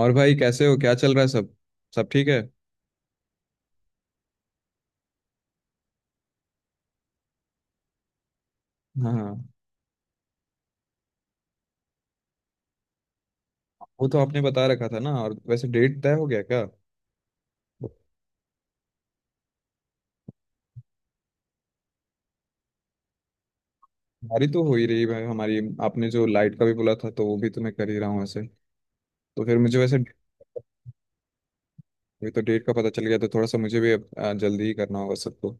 और भाई कैसे हो, क्या चल रहा है सब? सब ठीक है। हाँ हाँ। वो तो आपने बता रखा था ना। और वैसे डेट तय हो गया क्या? हमारी तो हो ही रही है, हमारी, आपने जो लाइट का भी बोला था तो वो भी तो मैं कर ही रहा हूँ वैसे। तो फिर मुझे वैसे अभी तो डेट का पता चल गया, तो थोड़ा सा मुझे भी अब, जल्दी ही करना होगा सबको।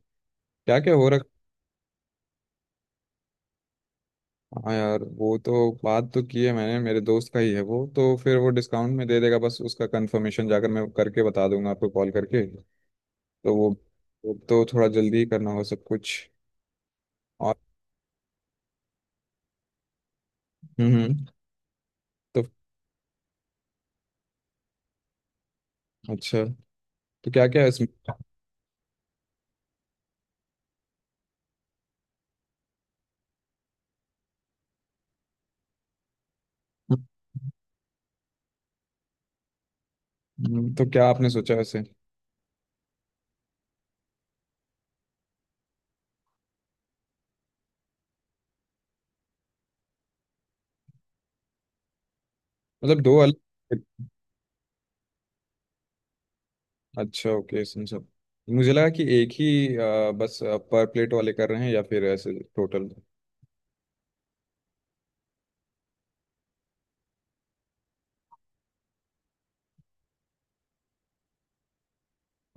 क्या क्या हो रखा। हाँ यार, वो तो बात तो की है मैंने, मेरे दोस्त का ही है वो, तो फिर वो डिस्काउंट में दे देगा। बस उसका कंफर्मेशन जाकर मैं करके बता दूंगा आपको कॉल करके। तो वो तो थोड़ा जल्दी ही करना होगा सब कुछ। और हम्म हम्म। तो अच्छा, तो क्या क्या है इसमें? तो क्या आपने सोचा ऐसे? मतलब दो अलग। अच्छा, ओके, समझा। मुझे लगा कि एक ही बस पर प्लेट वाले कर रहे हैं या फिर ऐसे टोटल।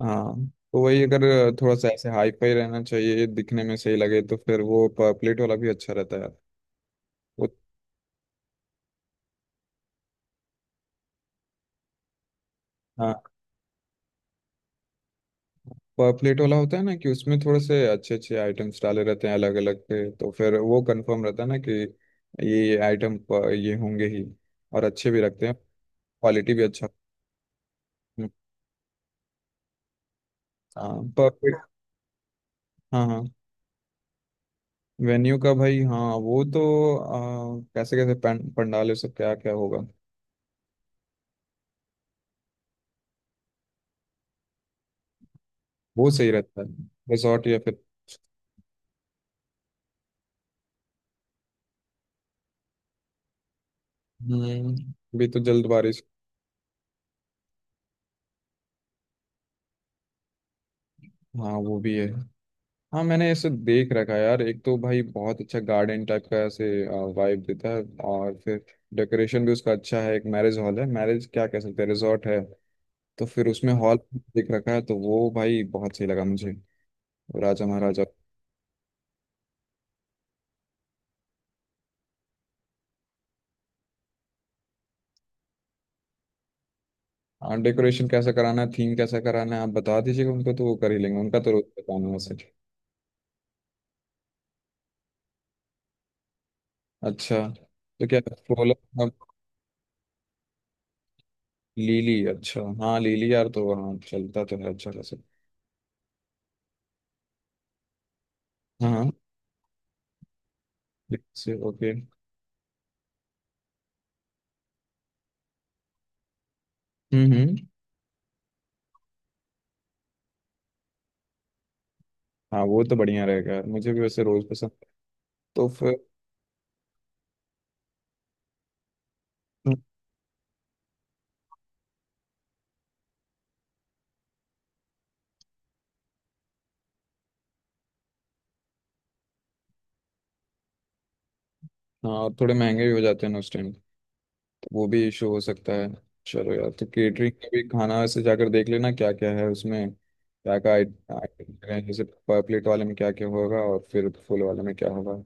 हाँ तो वही, अगर थोड़ा सा ऐसे हाई फाई रहना चाहिए, दिखने में सही लगे, तो फिर वो पर प्लेट वाला भी अच्छा रहता है वो। हाँ, पर प्लेट वाला होता है ना कि उसमें थोड़े से अच्छे अच्छे आइटम्स डाले रहते हैं अलग अलग के, तो फिर वो कंफर्म रहता है ना कि ये आइटम ये item, ये होंगे ही, और अच्छे भी रखते हैं, क्वालिटी भी अच्छा। हाँ, परफेक्ट। हाँ हाँ। वेन्यू का भाई हाँ, वो तो कैसे कैसे पंडाल से क्या क्या होगा। वो सही रहता है। रिसॉर्ट या फिर। हम्म। अभी तो जल्द बारिश। हाँ वो भी है। हाँ मैंने ऐसे देख रखा है यार, एक तो भाई बहुत अच्छा गार्डन टाइप का ऐसे वाइब देता है, और फिर डेकोरेशन भी उसका अच्छा है। एक मैरिज हॉल है, मैरिज क्या, कह सकते हैं रिसॉर्ट है, तो फिर उसमें हॉल देख रखा है, तो वो भाई बहुत सही लगा मुझे। राजा महाराजा। हाँ, डेकोरेशन कैसा कराना है, थीम कैसा कराना है, आप बता दीजिएगा उनको तो वो कर ही लेंगे, उनका तो रोज का काम है वैसे। अच्छा, तो क्या, फूल। अब लीली, अच्छा, हाँ लीली यार तो हाँ, चलता तो है अच्छा खासा। हाँ हाँ, से ओके। हम्म। हाँ वो तो बढ़िया रहेगा यार, मुझे भी वैसे रोज पसंद है। तो फिर। हाँ, और थोड़े महंगे भी हो जाते हैं ना उस टाइम, वो भी इशू हो सकता है। चलो यार, तो केटरिंग का भी खाना से जाकर देख लेना क्या क्या है उसमें, क्या क्या आइटम है, जैसे पर प्लेट वाले में क्या क्या होगा और फिर फुल वाले में क्या होगा।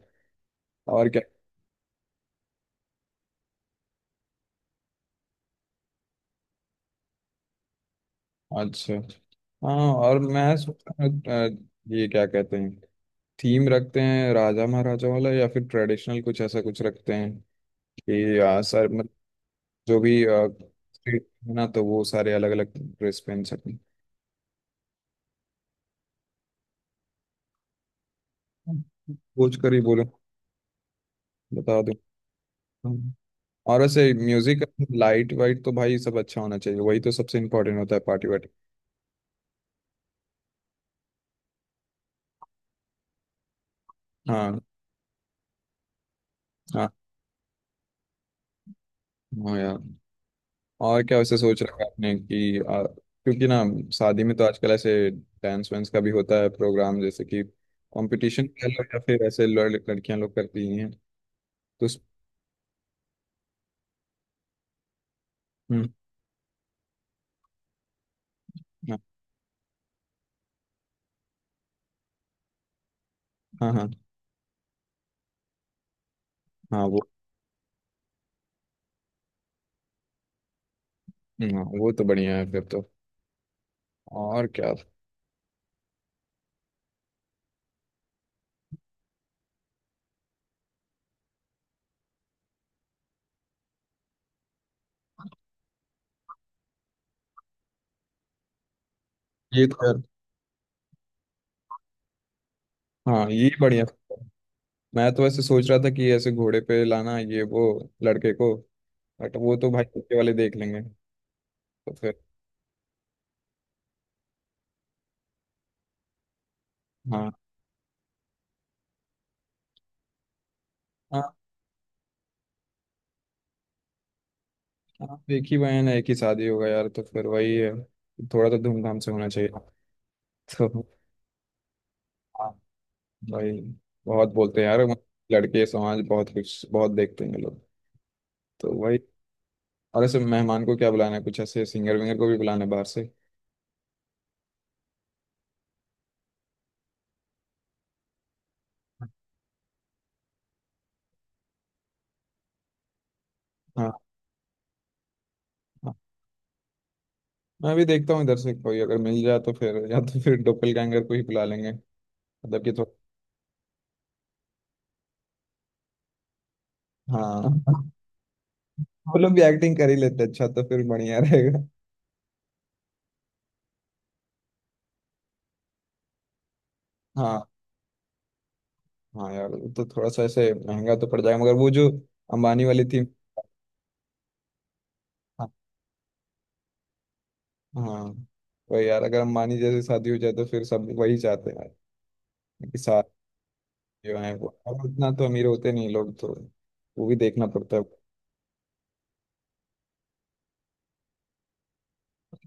और क्या। अच्छा, हाँ और मैं सोच रहा हूँ, अ, ये क्या कहते हैं, थीम रखते हैं राजा महाराजा वाला, या फिर ट्रेडिशनल कुछ, ऐसा कुछ रखते हैं कि सर मतलब जो भी street है ना, तो वो सारे अलग अलग ड्रेस पहन सकें। सोच कर ही बोलो, बता दो। और वैसे म्यूजिक, लाइट वाइट तो भाई सब अच्छा होना चाहिए, वही तो सबसे इम्पोर्टेंट होता है पार्टी वार्टी। हाँ। हाँ। हाँ यार। और क्या वैसे सोच रखा है आपने कि क्योंकि ना शादी में तो आजकल ऐसे डांस वांस का भी होता है प्रोग्राम, जैसे कि कंपटीशन कह लो या फिर ऐसे लड़कियां लोग करती हैं, तो हम्म, हाँ हाँ हाँ। हाँ, वो। हाँ, वो तो बढ़िया है फिर तो। और क्या। ये तो यार। हाँ ये बढ़िया। मैं तो वैसे सोच रहा था कि ऐसे घोड़े पे लाना ये वो लड़के को, बट वो तो भाई पीछे वाले देख लेंगे, तो फिर। हाँ। हाँ, हाँ, एक ही बहन है, एक ही शादी होगा यार, तो फिर वही है, थोड़ा तो धूमधाम से होना चाहिए। तो हाँ, भाई बहुत बोलते हैं यार, लड़के समाज बहुत कुछ बहुत देखते हैं ये लोग, तो वही। और ऐसे मेहमान को क्या बुलाना है, कुछ ऐसे सिंगर विंगर को भी बुलाना है बाहर से। हाँ। हाँ, मैं भी देखता हूँ इधर से कोई अगर मिल जाए, तो फिर, या तो फिर डोपलगैंगर को ही बुला लेंगे। मतलब कि थोड़ा। हाँ वो लोग भी एक्टिंग कर ही लेते हैं, अच्छा तो फिर बढ़िया रहेगा। हाँ। हाँ यार, वो तो थोड़ा सा ऐसे महंगा तो पड़ जाएगा, मगर वो जो अंबानी वाली थी। हाँ। हाँ, वही यार, अगर अंबानी जैसी शादी हो जाए तो फिर सब वही चाहते हैं यार, कि साथ जो है वो, और उतना तो अमीर होते नहीं लोग, तो वो भी देखना पड़ता है।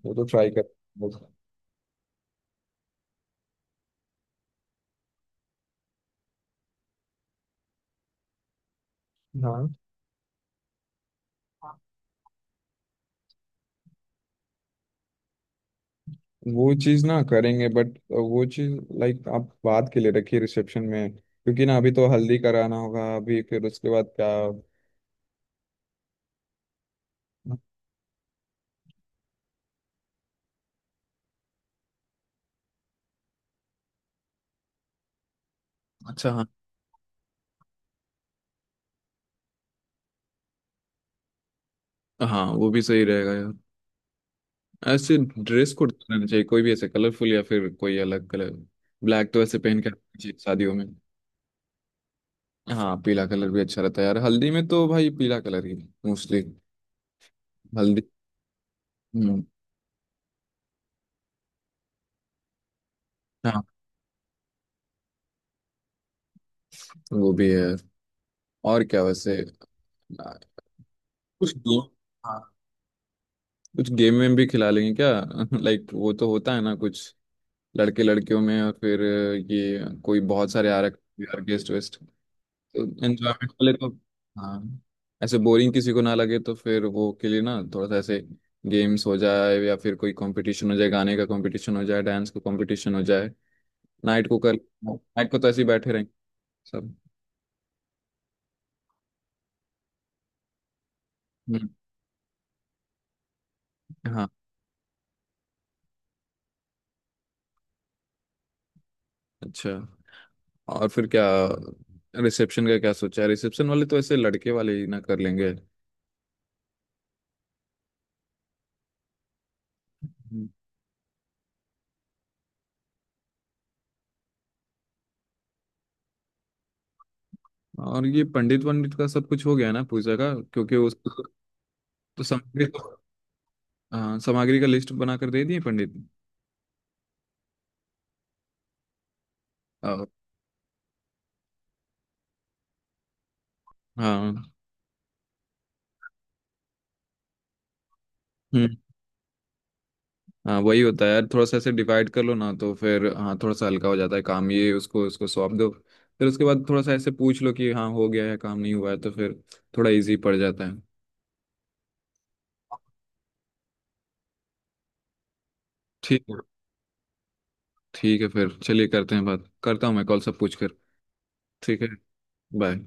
वो तो ट्राई कर। हाँ, वो चीज ना करेंगे, बट वो चीज लाइक, आप बात के लिए रखिए रिसेप्शन में, क्योंकि ना अभी तो हल्दी कराना होगा, अभी फिर उसके बाद क्या। अच्छा हाँ। हाँ वो भी सही रहेगा यार। ऐसे ड्रेस कोड रहना चाहिए, कोई भी ऐसे कलरफुल या फिर कोई अलग कलर, ब्लैक तो ऐसे पहन के रखना चाहिए शादियों में। हाँ, पीला कलर भी अच्छा रहता है यार, हल्दी में तो भाई पीला कलर ही मोस्टली, हल्दी। हम्म। हाँ वो भी है यार। और क्या वैसे आ, कुछ गेम। हाँ, कुछ गेम में भी खिला लेंगे क्या लाइक वो तो होता है ना कुछ लड़के लड़कियों में, और फिर ये कोई बहुत सारे आर्क, आर्केस्ट वेस्ट, तो एंजॉयमेंट वाले को। हाँ, ऐसे बोरिंग किसी को ना लगे, तो फिर वो के लिए ना थोड़ा सा ऐसे गेम्स हो जाए, या फिर कोई कंपटीशन हो जाए, गाने का कंपटीशन हो जाए, डांस का कंपटीशन हो जाए, नाइट को कर, नाइट को तो ऐसे ही बैठे रहेंगे सब। हम्म, हाँ। अच्छा, और फिर क्या, रिसेप्शन का क्या सोचा है? रिसेप्शन वाले तो ऐसे लड़के वाले ही ना कर लेंगे। हम्म। और ये पंडित वंडित का सब कुछ हो गया ना, पूजा का, क्योंकि उस तो सामग्री तो, हाँ सामग्री का लिस्ट बनाकर दे दिए पंडित। हाँ। हाँ। हम्म। हाँ वही होता है यार, थोड़ा सा ऐसे डिवाइड कर लो ना, तो फिर हाँ थोड़ा सा हल्का हो जाता है काम, ये उसको उसको सौंप दो, फिर उसके बाद थोड़ा सा ऐसे पूछ लो कि हाँ हो गया है, काम नहीं हुआ है तो फिर, थोड़ा इजी पड़ जाता है। ठीक है। ठीक है, फिर चलिए, करते हैं, बात करता हूँ मैं कॉल सब पूछ कर। ठीक है। बाय।